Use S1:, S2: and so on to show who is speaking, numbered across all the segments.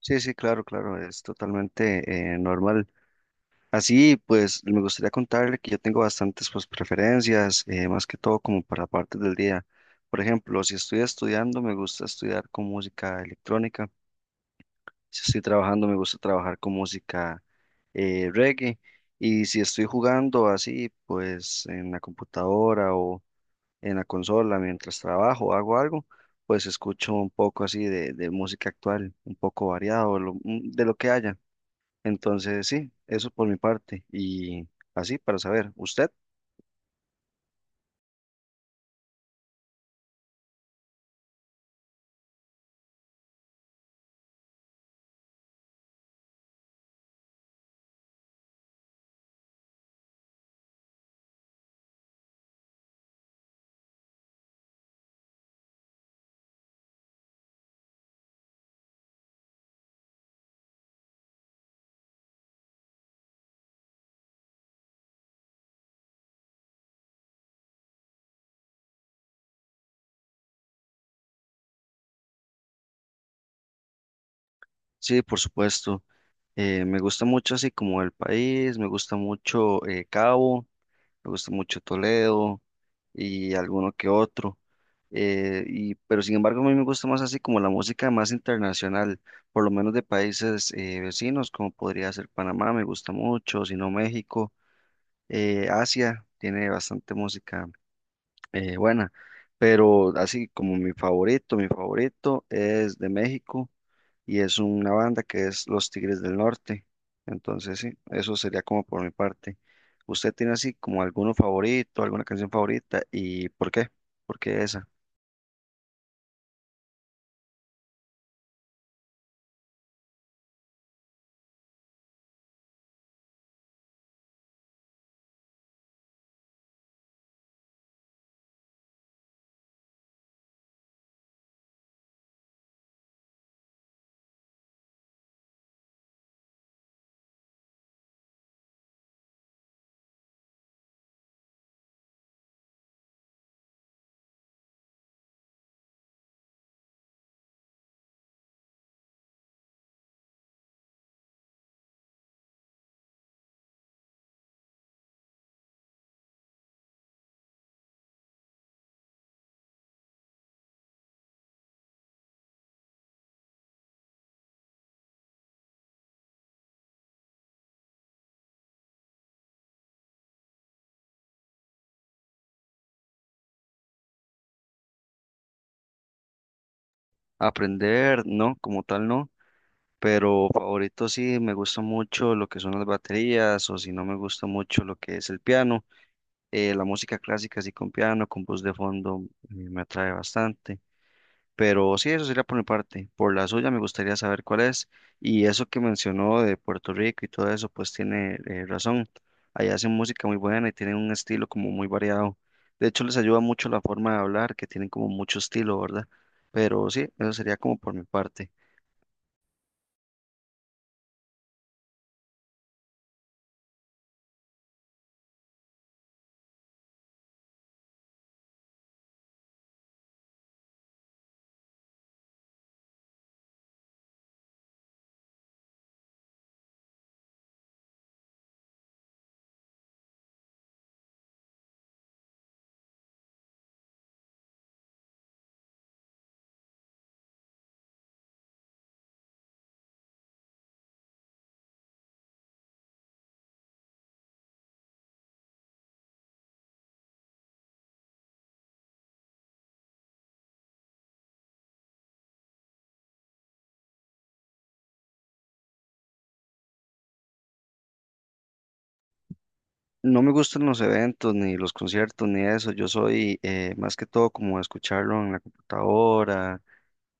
S1: Sí, sí, claro, claro, es totalmente normal. Así, pues, me gustaría contarle que yo tengo bastantes, pues, preferencias, más que todo como para partes del día. Por ejemplo, si estoy estudiando, me gusta estudiar con música electrónica. Si estoy trabajando, me gusta trabajar con música reggae. Y si estoy jugando así, pues, en la computadora o en la consola mientras trabajo, hago algo, pues escucho un poco así de música actual, un poco variado, de lo que haya. Entonces, sí, eso por mi parte. Y así para saber, ¿usted? Sí, por supuesto. Me gusta mucho así como el país, me gusta mucho Cabo, me gusta mucho Toledo y alguno que otro. Pero sin embargo, a mí me gusta más así como la música más internacional, por lo menos de países vecinos, como podría ser Panamá, me gusta mucho, si no México, Asia tiene bastante música buena, pero así como mi favorito es de México y es una banda que es Los Tigres del Norte. Entonces, sí, eso sería como por mi parte. ¿Usted tiene así como alguno favorito, alguna canción favorita y por qué? ¿Por qué esa? Aprender, no, como tal no, pero favorito sí, me gusta mucho lo que son las baterías o si no me gusta mucho lo que es el piano. La música clásica así con piano, con voz de fondo, me atrae bastante. Pero sí, eso sería por mi parte. Por la suya me gustaría saber cuál es. Y eso que mencionó de Puerto Rico y todo eso, pues tiene razón. Allá hacen música muy buena y tienen un estilo como muy variado. De hecho, les ayuda mucho la forma de hablar, que tienen como mucho estilo, ¿verdad? Pero sí, eso sería como por mi parte. No me gustan los eventos, ni los conciertos, ni eso. Yo soy más que todo como escucharlo en la computadora,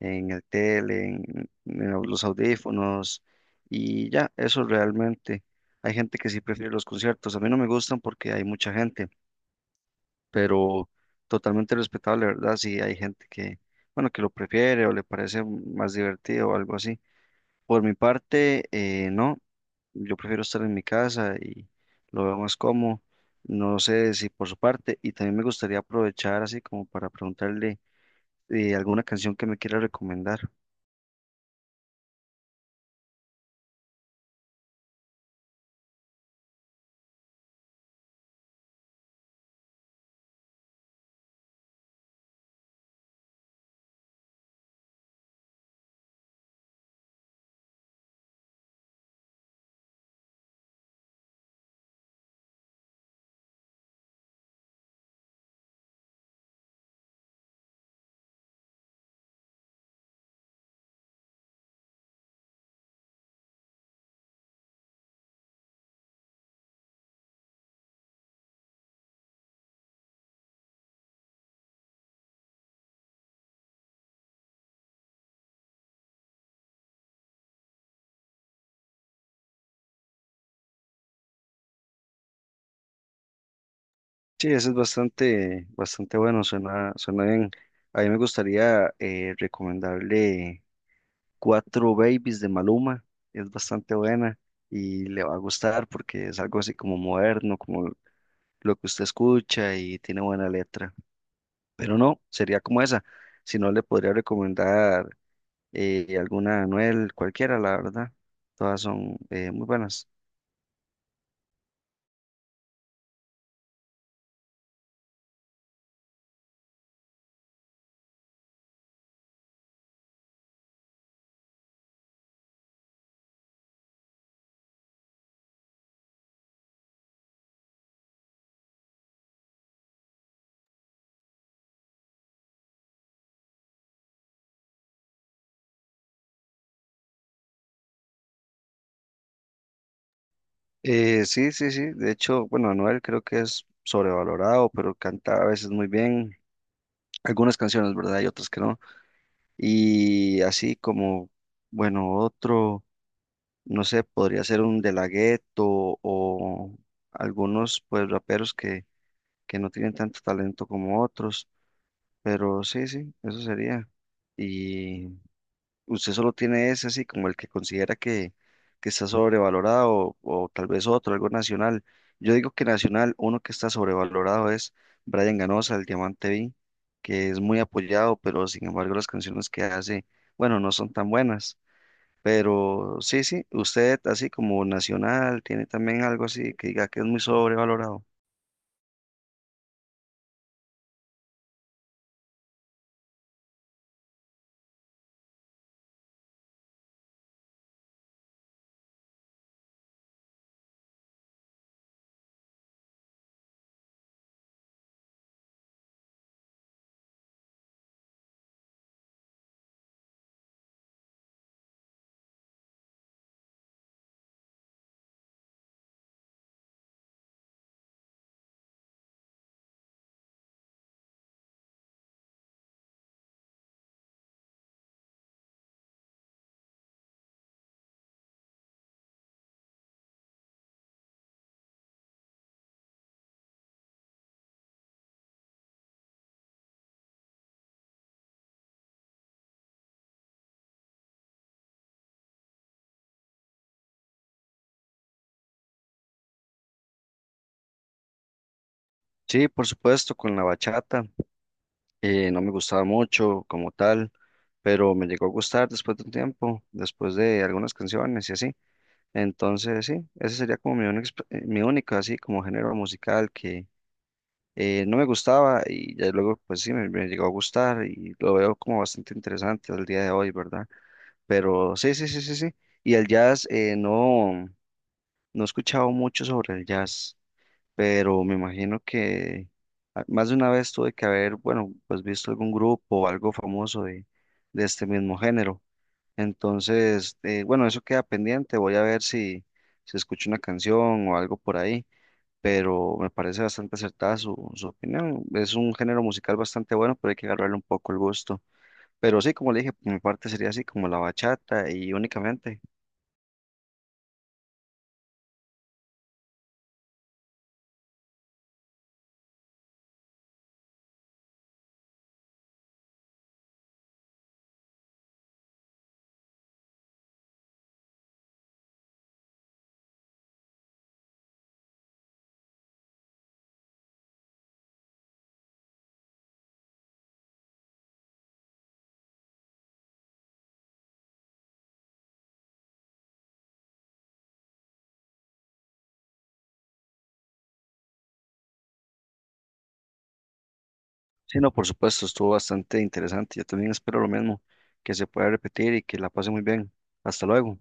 S1: en el tele, los audífonos y ya, eso realmente. Hay gente que sí prefiere los conciertos, a mí no me gustan porque hay mucha gente, pero totalmente respetable, ¿verdad? Si hay gente que, bueno, que lo prefiere o le parece más divertido o algo así. Por mi parte, no, yo prefiero estar en mi casa y lo veo más cómodo. No sé si por su parte, y también me gustaría aprovechar así como para preguntarle alguna canción que me quiera recomendar. Sí, ese es bastante, bastante bueno, suena, suena bien. A mí me gustaría recomendarle Cuatro Babies de Maluma, es bastante buena y le va a gustar porque es algo así como moderno, como lo que usted escucha y tiene buena letra. Pero no, sería como esa. Si no, le podría recomendar alguna Anuel, cualquiera, la verdad. Todas son muy buenas. Sí, sí, sí. De hecho, bueno, Anuel creo que es sobrevalorado, pero canta a veces muy bien. Algunas canciones, ¿verdad? Y otras que no. Y así como, bueno, otro, no sé, podría ser un De La Ghetto o algunos, pues, raperos que no tienen tanto talento como otros, pero sí, sí, eso sería. Y usted solo tiene ese así como el que considera que está sobrevalorado o tal vez otro, algo nacional. Yo digo que nacional, uno que está sobrevalorado es Brian Ganosa, el Diamante B, que es muy apoyado, pero sin embargo las canciones que hace, bueno, no son tan buenas. Pero sí, sí, usted así como nacional tiene también algo así que diga que es muy sobrevalorado. Sí, por supuesto, con la bachata. No me gustaba mucho como tal, pero me llegó a gustar después de un tiempo, después de algunas canciones y así. Entonces, sí, ese sería como mi única así como género musical que no me gustaba y ya luego pues sí me llegó a gustar y lo veo como bastante interesante al día de hoy, ¿verdad? Pero sí, sí, sí, sí, sí. Y el jazz, no, no he escuchado mucho sobre el jazz, pero me imagino que más de una vez tuve que haber, bueno, pues visto algún grupo o algo famoso de este mismo género. Entonces, bueno, eso queda pendiente, voy a ver si escucho una canción o algo por ahí, pero me parece bastante acertada su opinión. Es un género musical bastante bueno, pero hay que agarrarle un poco el gusto. Pero sí, como le dije, por mi parte sería así como la bachata y únicamente. Sí, no, por supuesto, estuvo bastante interesante. Yo también espero lo mismo, que se pueda repetir y que la pase muy bien. Hasta luego.